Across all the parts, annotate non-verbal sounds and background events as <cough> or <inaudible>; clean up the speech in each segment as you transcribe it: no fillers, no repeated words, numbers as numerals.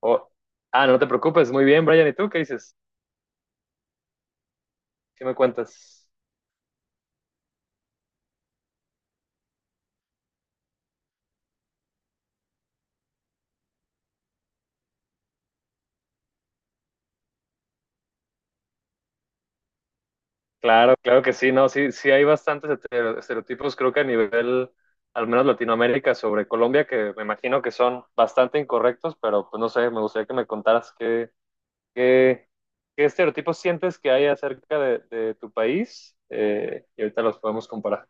O- no te preocupes, muy bien, Brian. ¿Y tú qué dices? ¿Qué me cuentas? Claro, claro que sí, no, sí, sí hay bastantes estereotipos, creo que a nivel, al menos Latinoamérica, sobre Colombia, que me imagino que son bastante incorrectos, pero pues no sé, me gustaría que me contaras qué, qué, qué estereotipos sientes que hay acerca de tu país, y ahorita los podemos comparar.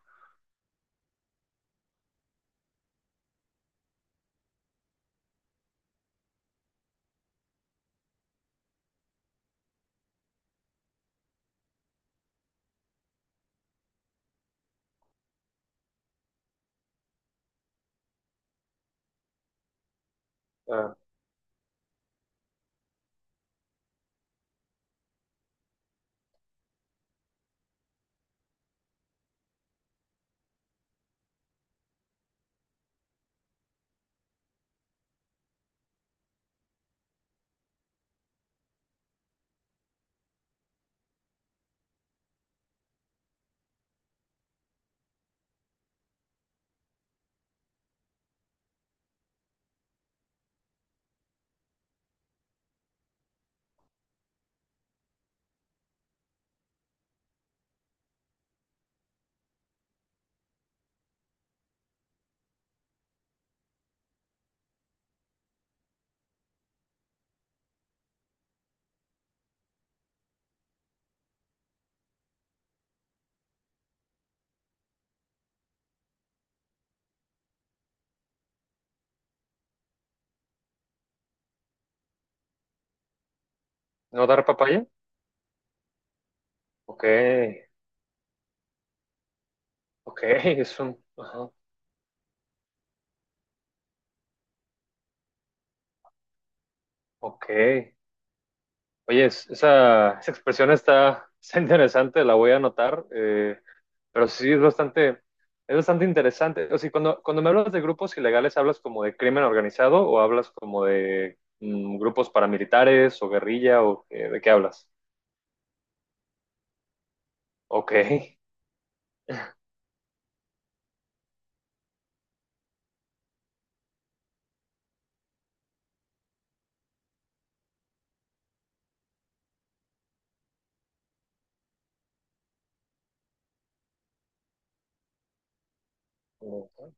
Ah, ¿no dar papaya? Ok, ok, <laughs> es un, ajá, ok. Oye, esa, esa expresión está, está interesante, la voy a anotar, pero sí es bastante interesante. O sea, cuando, cuando me hablas de grupos ilegales, ¿hablas como de crimen organizado o hablas como de mm, grupos paramilitares o guerrilla o de qué hablas? Ok. Ok.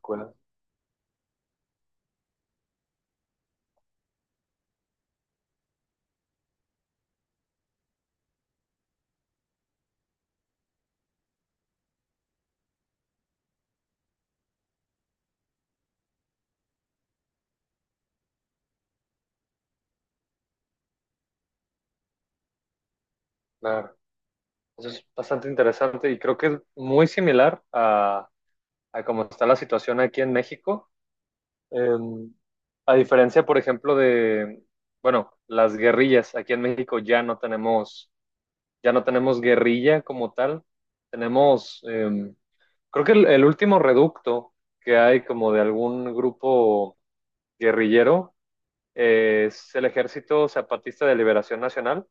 Claro. Claro. Eso es bastante interesante y creo que es muy similar a cómo está la situación aquí en México. Em, a diferencia, por ejemplo, de, bueno, las guerrillas, aquí en México ya no tenemos guerrilla como tal. Tenemos, creo que el último reducto que hay como de algún grupo guerrillero es el Ejército Zapatista de Liberación Nacional,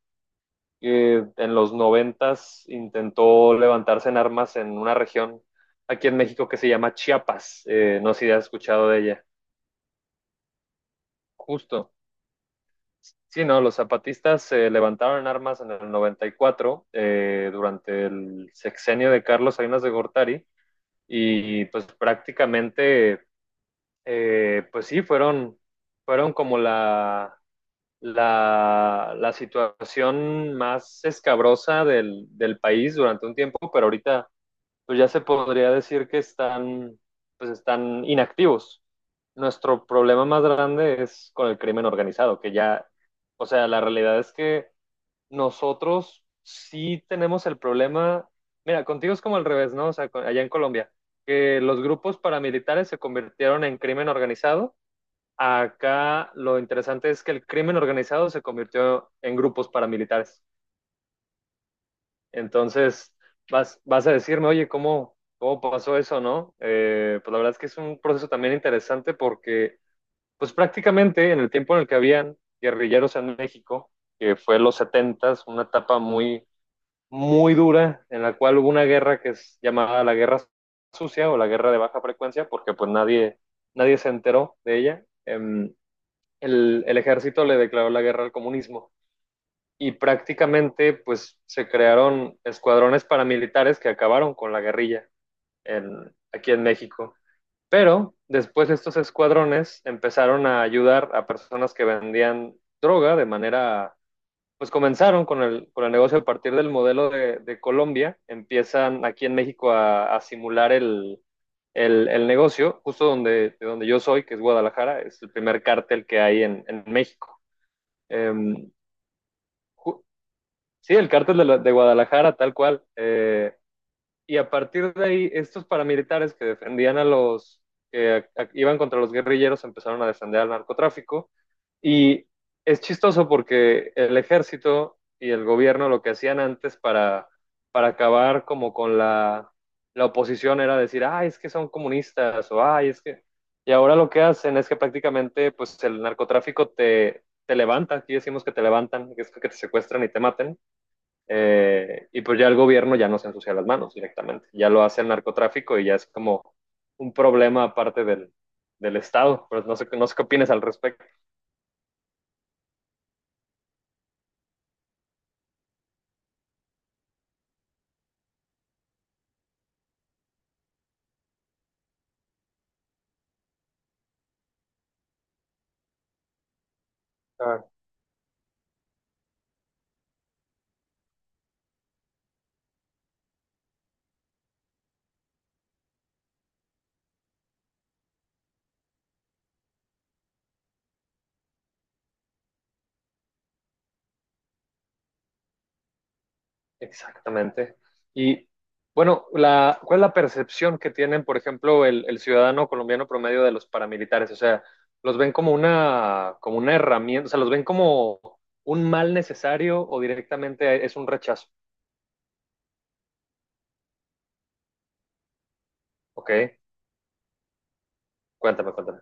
que en los noventas intentó levantarse en armas en una región aquí en México que se llama Chiapas. No sé si has escuchado de ella. Justo. Sí, no, los zapatistas se levantaron en armas en el 94, durante el sexenio de Carlos Salinas de Gortari, y pues prácticamente, pues sí, fueron, fueron como la, la situación más escabrosa del, del país durante un tiempo, pero ahorita pues ya se podría decir que están, pues están inactivos. Nuestro problema más grande es con el crimen organizado, que ya, o sea, la realidad es que nosotros sí tenemos el problema, mira, contigo es como al revés, ¿no? O sea, allá en Colombia, que los grupos paramilitares se convirtieron en crimen organizado. Acá lo interesante es que el crimen organizado se convirtió en grupos paramilitares. Entonces, vas, vas a decirme, oye, ¿cómo, cómo pasó eso, no? Pues la verdad es que es un proceso también interesante porque, pues prácticamente en el tiempo en el que habían guerrilleros en México, que fue los setentas, una etapa muy, muy dura, en la cual hubo una guerra que es llamada la guerra sucia o la guerra de baja frecuencia, porque pues nadie, nadie se enteró de ella. El ejército le declaró la guerra al comunismo y prácticamente pues se crearon escuadrones paramilitares que acabaron con la guerrilla en, aquí en México. Pero después estos escuadrones empezaron a ayudar a personas que vendían droga de manera, pues comenzaron con el negocio a partir del modelo de Colombia, empiezan aquí en México a simular el negocio, justo donde, de donde yo soy, que es Guadalajara, es el primer cártel que hay en México. Eh, ju- Sí, el cártel de, de Guadalajara, tal cual. Y a partir de ahí, estos paramilitares que defendían a los que iban contra los guerrilleros empezaron a defender al narcotráfico. Y es chistoso porque el ejército y el gobierno lo que hacían antes para acabar como con la, la oposición era decir, ay, es que son comunistas o ay, es que... Y ahora lo que hacen es que prácticamente pues el narcotráfico te, te levanta, aquí decimos que te levantan, que es que te secuestran y te maten, y pues ya el gobierno ya no se ensucia las manos directamente, ya lo hace el narcotráfico y ya es como un problema aparte del, del Estado, pero no sé, no sé qué opinas al respecto. Ah, exactamente. Y bueno, la, ¿cuál es la percepción que tienen, por ejemplo, el ciudadano colombiano promedio de los paramilitares? O sea, ¿los ven como una herramienta? O sea, ¿los ven como un mal necesario o directamente es un rechazo? Ok, cuéntame, cuéntame.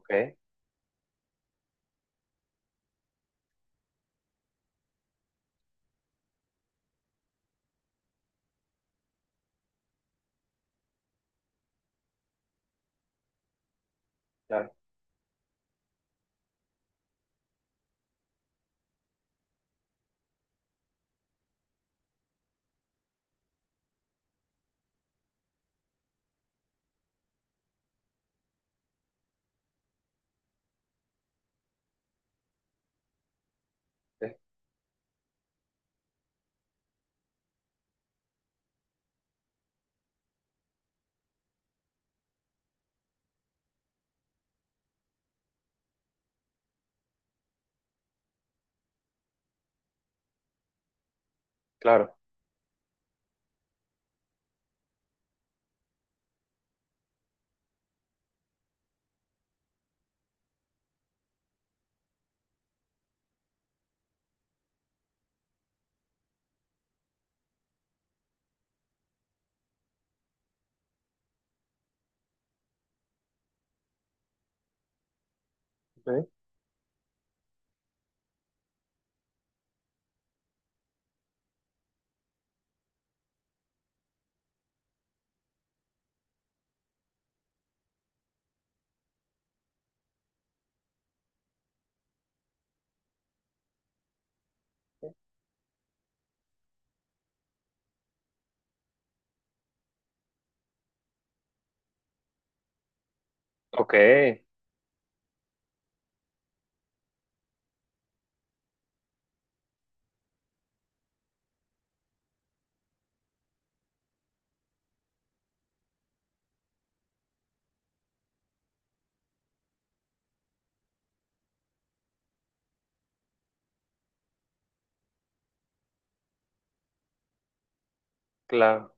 Ok, claro, ok, claro. Ok. Ok, claro,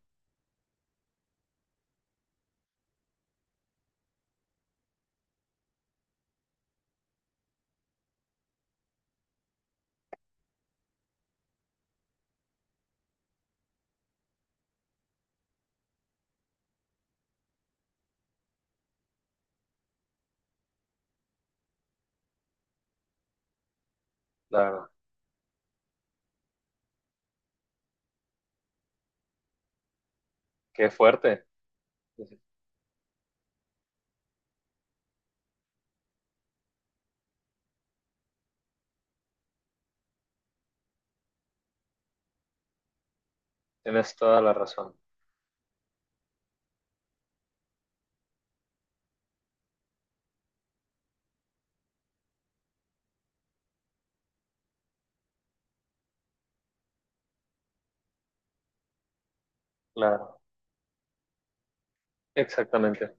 claro. Qué fuerte. Tienes toda la razón. Claro, exactamente.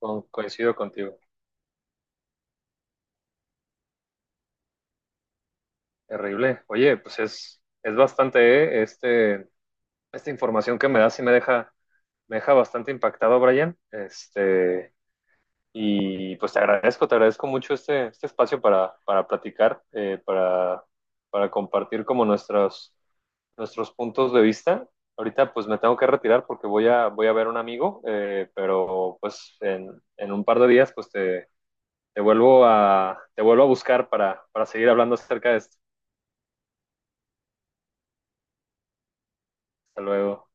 Coincido contigo. Terrible. Oye, pues es bastante, ¿eh? Este, esta información que me das y me deja bastante impactado, Brian. Este, y pues te agradezco mucho este, este espacio para platicar, para compartir como nuestros nuestros puntos de vista. Ahorita pues me tengo que retirar porque voy a, voy a ver a un amigo, pero pues en, un par de días pues te, te vuelvo a buscar para seguir hablando acerca de esto. Hasta luego.